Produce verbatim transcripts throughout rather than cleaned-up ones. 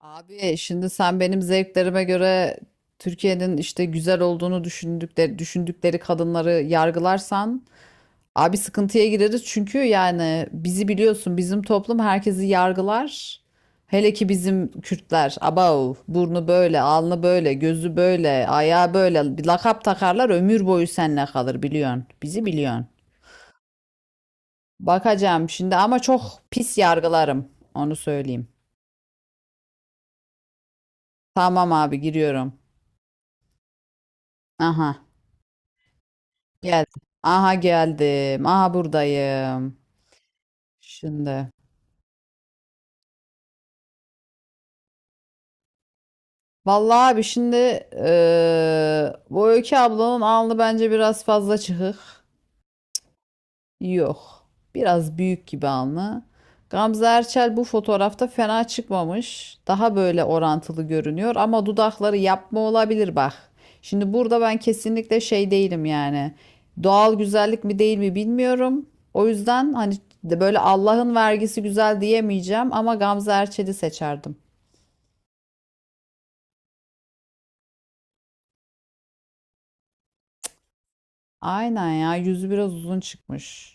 Abi şimdi sen benim zevklerime göre Türkiye'nin işte güzel olduğunu düşündükleri, düşündükleri kadınları yargılarsan abi sıkıntıya gireriz çünkü yani bizi biliyorsun bizim toplum herkesi yargılar. Hele ki bizim Kürtler abav burnu böyle alnı böyle gözü böyle ayağı böyle bir lakap takarlar ömür boyu seninle kalır biliyorsun bizi biliyorsun. Bakacağım şimdi ama çok pis yargılarım onu söyleyeyim. Tamam abi giriyorum. Aha. Geldim. Aha geldim. Aha buradayım. Şimdi. Vallahi abi şimdi eee, bu Öykü ablanın alnı bence biraz fazla çıkık. Yok. Biraz büyük gibi alnı. Gamze Erçel bu fotoğrafta fena çıkmamış. Daha böyle orantılı görünüyor ama dudakları yapma olabilir bak. Şimdi burada ben kesinlikle şey değilim yani. Doğal güzellik mi değil mi bilmiyorum. O yüzden hani böyle Allah'ın vergisi güzel diyemeyeceğim ama Gamze Erçel'i seçerdim. Aynen ya yüzü biraz uzun çıkmış.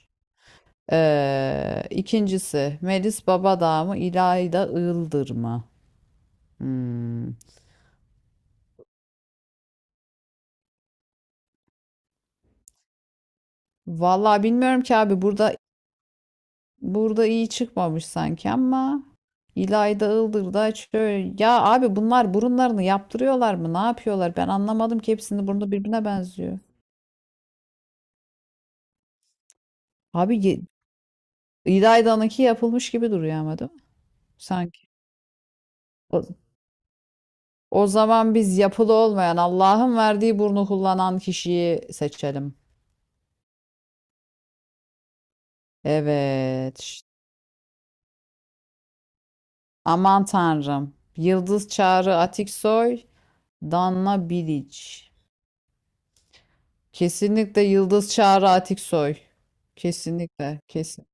Ee, ikincisi Melis Babadağ mı İlayda Iğıldır mı? Hmm. Vallahi bilmiyorum ki abi burada burada iyi çıkmamış sanki ama İlayda Iğdır'da şöyle ya abi bunlar burunlarını yaptırıyorlar mı? Ne yapıyorlar? Ben anlamadım ki hepsinin burnu birbirine benziyor. Abi ye- İlayda'nınki yapılmış gibi duruyor ama değil mi? Sanki. O, o zaman biz yapılı olmayan Allah'ın verdiği burnu kullanan kişiyi seçelim. Evet. Şşt. Aman Tanrım. Yıldız Çağrı Atiksoy, Danla Bilic. Kesinlikle Yıldız Çağrı Atiksoy. Kesinlikle. Kesin.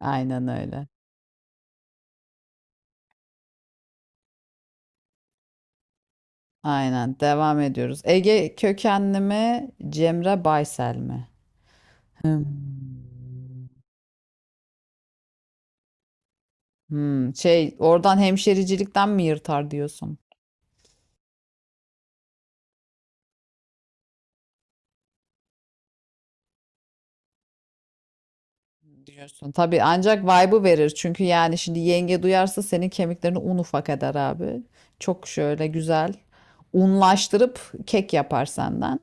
Aynen öyle. Aynen. Devam ediyoruz. Ege kökenli mi? Cemre Baysel mi? Hmm. Hmm, şey oradan hemşericilikten mi yırtar diyorsun? Diyorsun. Tabii ancak vibe'ı verir. Çünkü yani şimdi yenge duyarsa senin kemiklerini un ufak eder abi. Çok şöyle güzel unlaştırıp kek yapar senden.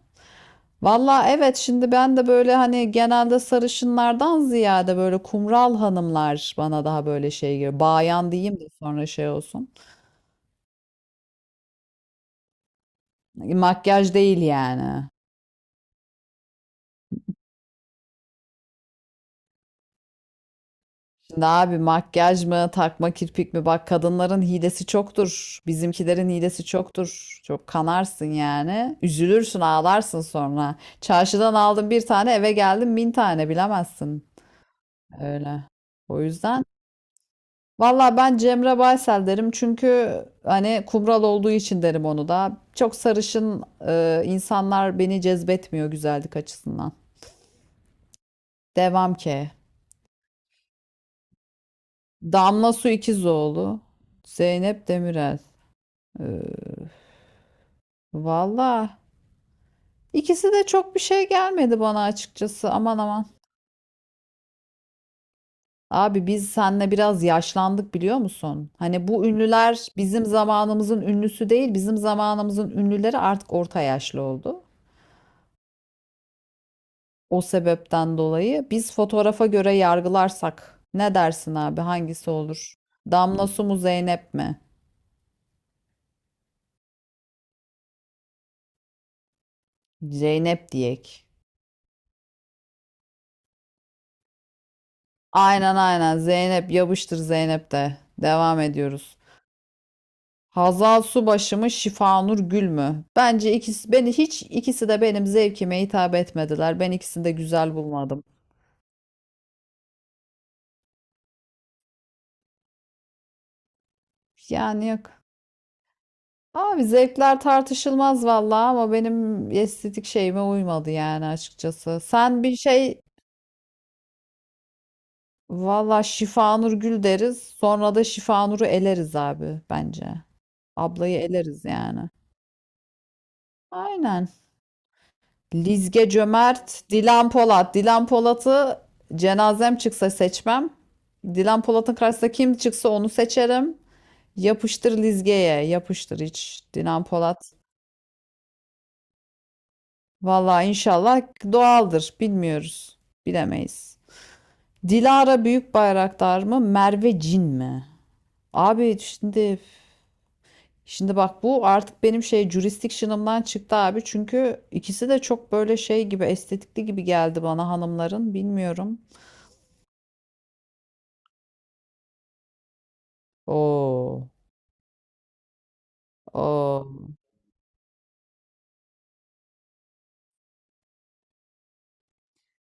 Valla evet şimdi ben de böyle hani genelde sarışınlardan ziyade böyle kumral hanımlar bana daha böyle şey geliyor. Bayan diyeyim de sonra şey olsun. Makyaj değil yani. Şimdi abi makyaj mı takma kirpik mi bak kadınların hilesi çoktur. Bizimkilerin hilesi çoktur. Çok kanarsın yani. Üzülürsün ağlarsın sonra. Çarşıdan aldın bir tane eve geldin bin tane bilemezsin. Öyle. O yüzden valla ben Cemre Baysel derim çünkü hani kumral olduğu için derim onu da. Çok sarışın e, insanlar beni cezbetmiyor güzellik açısından. Devam ki. Damla Su İkizoğlu, Zeynep Demirel. E, valla ikisi de çok bir şey gelmedi bana açıkçası aman aman. Abi biz seninle biraz yaşlandık biliyor musun? Hani bu ünlüler bizim zamanımızın ünlüsü değil, bizim zamanımızın ünlüleri artık orta yaşlı oldu. O sebepten dolayı biz fotoğrafa göre yargılarsak ne dersin abi hangisi olur? Damla su mu Zeynep mi? Zeynep diyek. Aynen aynen Zeynep yapıştır Zeynep de. Devam ediyoruz. Hazal Subaşı mı Şifanur Gül mü? Bence ikisi beni hiç ikisi de benim zevkime hitap etmediler. Ben ikisini de güzel bulmadım. Yani yok. Abi zevkler tartışılmaz vallahi ama benim estetik şeyime uymadı yani açıkçası. Sen bir şey valla Şifanur Gül deriz. Sonra da Şifanur'u eleriz abi bence. Ablayı eleriz yani. Aynen. Lizge Cömert, Dilan Polat. Dilan Polat'ı cenazem çıksa seçmem. Dilan Polat'ın karşısında kim çıksa onu seçerim. Yapıştır Lizge'ye. Yapıştır hiç. Dilan Polat. Valla inşallah doğaldır. Bilmiyoruz. Bilemeyiz. Dilara Büyükbayraktar mı? Merve Cin mi? Abi şimdi şimdi bak bu artık benim şey jurisdiction'ımdan çıktı abi. Çünkü ikisi de çok böyle şey gibi estetikli gibi geldi bana hanımların. Bilmiyorum. Oo. Oo.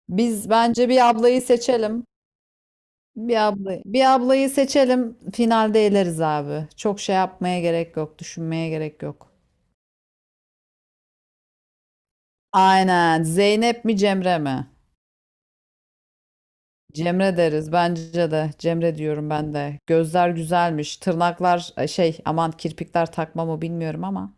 Biz bence bir ablayı seçelim. Bir ablayı, bir ablayı seçelim. Finalde eleriz abi. Çok şey yapmaya gerek yok. Düşünmeye gerek yok. Aynen. Zeynep mi Cemre mi? Cemre deriz bence de. Cemre diyorum ben de. Gözler güzelmiş. Tırnaklar e, şey aman kirpikler takma mı bilmiyorum ama.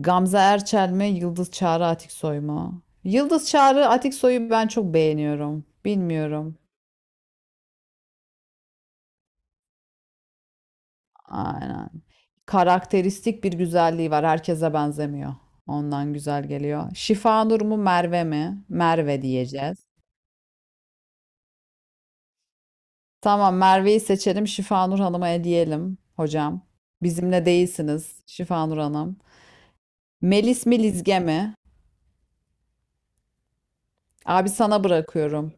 Gamze Erçel mi? Yıldız Çağrı Atiksoy mu? Yıldız Çağrı Atiksoy'u ben çok beğeniyorum. Bilmiyorum. Aynen. Karakteristik bir güzelliği var. Herkese benzemiyor. Ondan güzel geliyor. Şifanur mu Merve mi? Merve diyeceğiz. Tamam Merve'yi seçelim. Şifanur Hanım'a hediyelim hocam. Bizimle değilsiniz Şifanur Hanım. Melis mi Lizge mi? Abi sana bırakıyorum.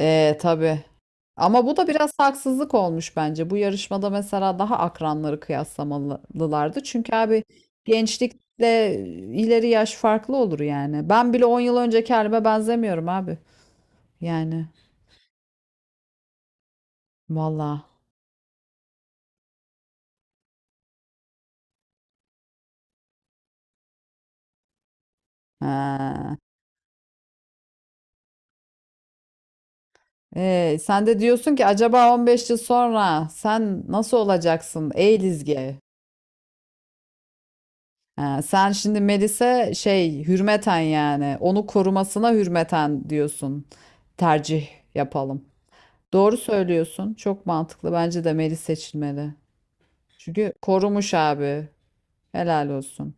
Ee, tabii ama bu da biraz haksızlık olmuş bence. Bu yarışmada mesela daha akranları kıyaslamalılardı. Çünkü abi gençlikle ileri yaş farklı olur yani. Ben bile on yıl önceki halime benzemiyorum abi. Yani valla. Ha. Ee, sen de diyorsun ki acaba 15 yıl sonra sen nasıl olacaksın ey Lizge? Ha, sen şimdi Melis'e şey hürmeten yani onu korumasına hürmeten diyorsun tercih yapalım. Doğru söylüyorsun. Çok mantıklı. Bence de Melis seçilmeli. Çünkü korumuş abi. Helal olsun.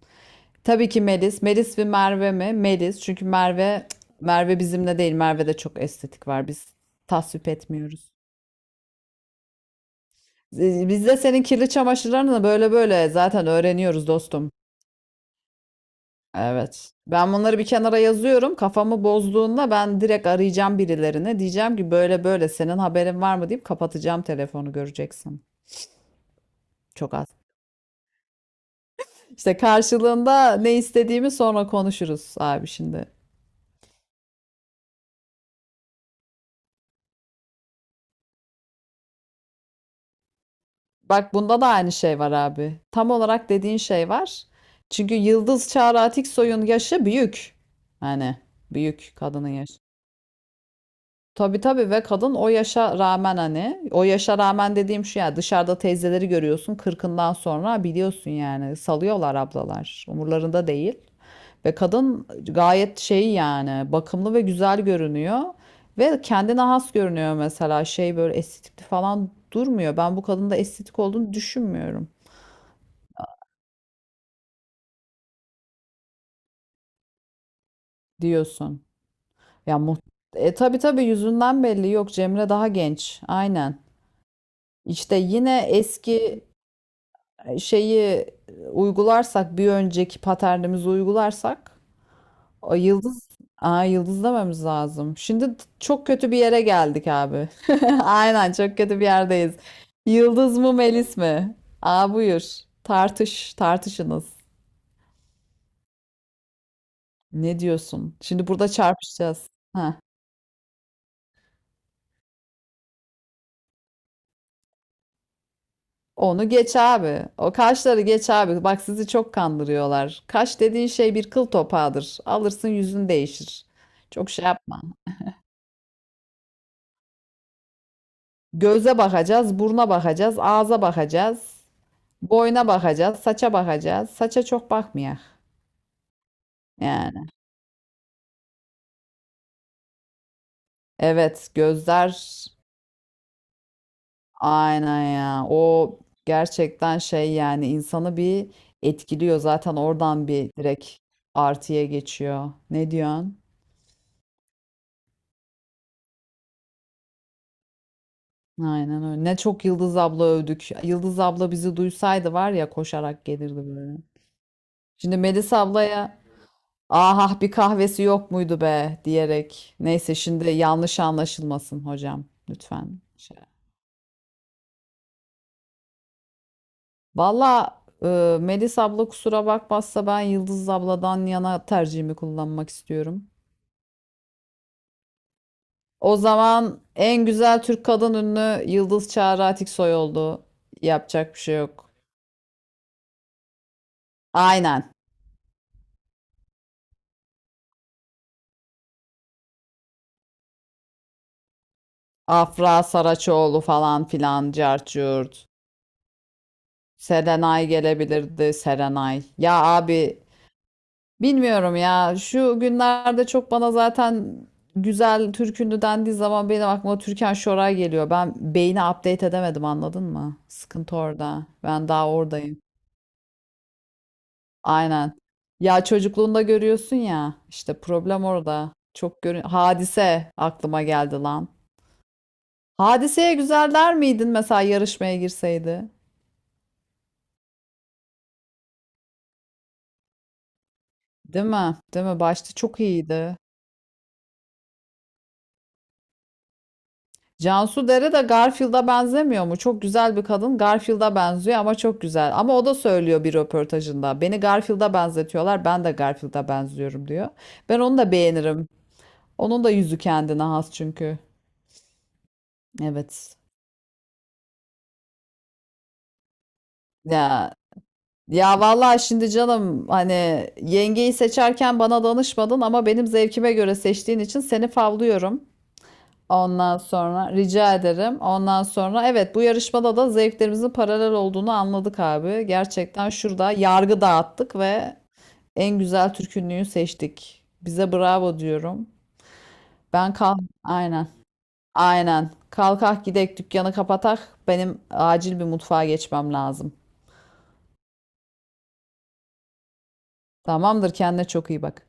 Tabii ki Melis. Melis ve Merve mi? Melis. Çünkü Merve Merve bizimle değil. Merve'de çok estetik var. Biz tasvip etmiyoruz. Ee, Biz de senin kirli çamaşırlarını da böyle böyle zaten öğreniyoruz dostum. Evet. Ben bunları bir kenara yazıyorum. Kafamı bozduğunda ben direkt arayacağım birilerine. Diyeceğim ki böyle böyle senin haberin var mı deyip kapatacağım telefonu göreceksin. Çok az. İşte karşılığında ne istediğimi sonra konuşuruz abi şimdi. Bak bunda da aynı şey var abi. Tam olarak dediğin şey var. Çünkü Yıldız Çağrı Atiksoy'un yaşı büyük. Hani büyük kadının yaşı. Tabii tabii ve kadın o yaşa rağmen hani o yaşa rağmen dediğim şu ya dışarıda teyzeleri görüyorsun kırkından sonra biliyorsun yani salıyorlar ablalar umurlarında değil. Ve kadın gayet şey yani bakımlı ve güzel görünüyor ve kendine has görünüyor mesela şey böyle estetikli falan durmuyor. Ben bu kadında estetik olduğunu düşünmüyorum diyorsun. Ya muht e, tabii tabii yüzünden belli yok Cemre daha genç aynen. İşte yine eski şeyi uygularsak bir önceki paternimizi uygularsak o yıldız Aa, yıldız dememiz lazım. Şimdi t- çok kötü bir yere geldik abi. Aynen çok kötü bir yerdeyiz. Yıldız mı Melis mi? Aa buyur. Tartış, tartışınız. Ne diyorsun? Şimdi burada çarpışacağız. Heh. Onu geç abi. O kaşları geç abi. Bak sizi çok kandırıyorlar. Kaş dediğin şey bir kıl topağıdır. Alırsın yüzün değişir. Çok şey yapma. Göze bakacağız, buruna bakacağız, ağza bakacağız, boyna bakacağız, saça bakacağız. Saça çok bakmayak yani. Evet, gözler aynen ya. O gerçekten şey yani insanı bir etkiliyor zaten oradan bir direkt artıya geçiyor. Ne diyorsun? Aynen öyle. Ne çok Yıldız abla övdük. Yıldız abla bizi duysaydı var ya koşarak gelirdi böyle. Şimdi Melis ablaya ah ah, bir kahvesi yok muydu be diyerek. Neyse şimdi yanlış anlaşılmasın hocam lütfen. Şey. Valla e, Melis abla kusura bakmazsa ben Yıldız abladan yana tercihimi kullanmak istiyorum. O zaman en güzel Türk kadın ünlü Yıldız Çağrı Atiksoy oldu. Yapacak bir şey yok. Aynen. Afra Saraçoğlu falan filan cart Serenay gelebilirdi Serenay. Ya abi bilmiyorum ya. Şu günlerde çok bana zaten güzel Türk ünlü dendiği zaman benim aklıma Türkan Şoray geliyor. Ben beyni update edemedim anladın mı? Sıkıntı orada. Ben daha oradayım. Aynen. Ya çocukluğunda görüyorsun ya. İşte problem orada. Çok görün. Hadise aklıma geldi lan. Hadiseye güzel der miydin mesela yarışmaya girseydi? Değil mi? Değil mi? Başta çok iyiydi. Cansu Dere de Garfield'a benzemiyor mu? Çok güzel bir kadın. Garfield'a benziyor ama çok güzel. Ama o da söylüyor bir röportajında. Beni Garfield'a benzetiyorlar. Ben de Garfield'a benziyorum diyor. Ben onu da beğenirim. Onun da yüzü kendine has çünkü. Evet. Ya ya vallahi şimdi canım hani yengeyi seçerken bana danışmadın ama benim zevkime göre seçtiğin için seni favlıyorum. Ondan sonra rica ederim. Ondan sonra evet bu yarışmada da zevklerimizin paralel olduğunu anladık abi. Gerçekten şurada yargı dağıttık ve en güzel türkünlüğü seçtik. Bize bravo diyorum. Ben kal aynen. Aynen. Kalkak gidek dükkanı kapatak. Benim acil bir mutfağa geçmem lazım. Tamamdır kendine çok iyi bak.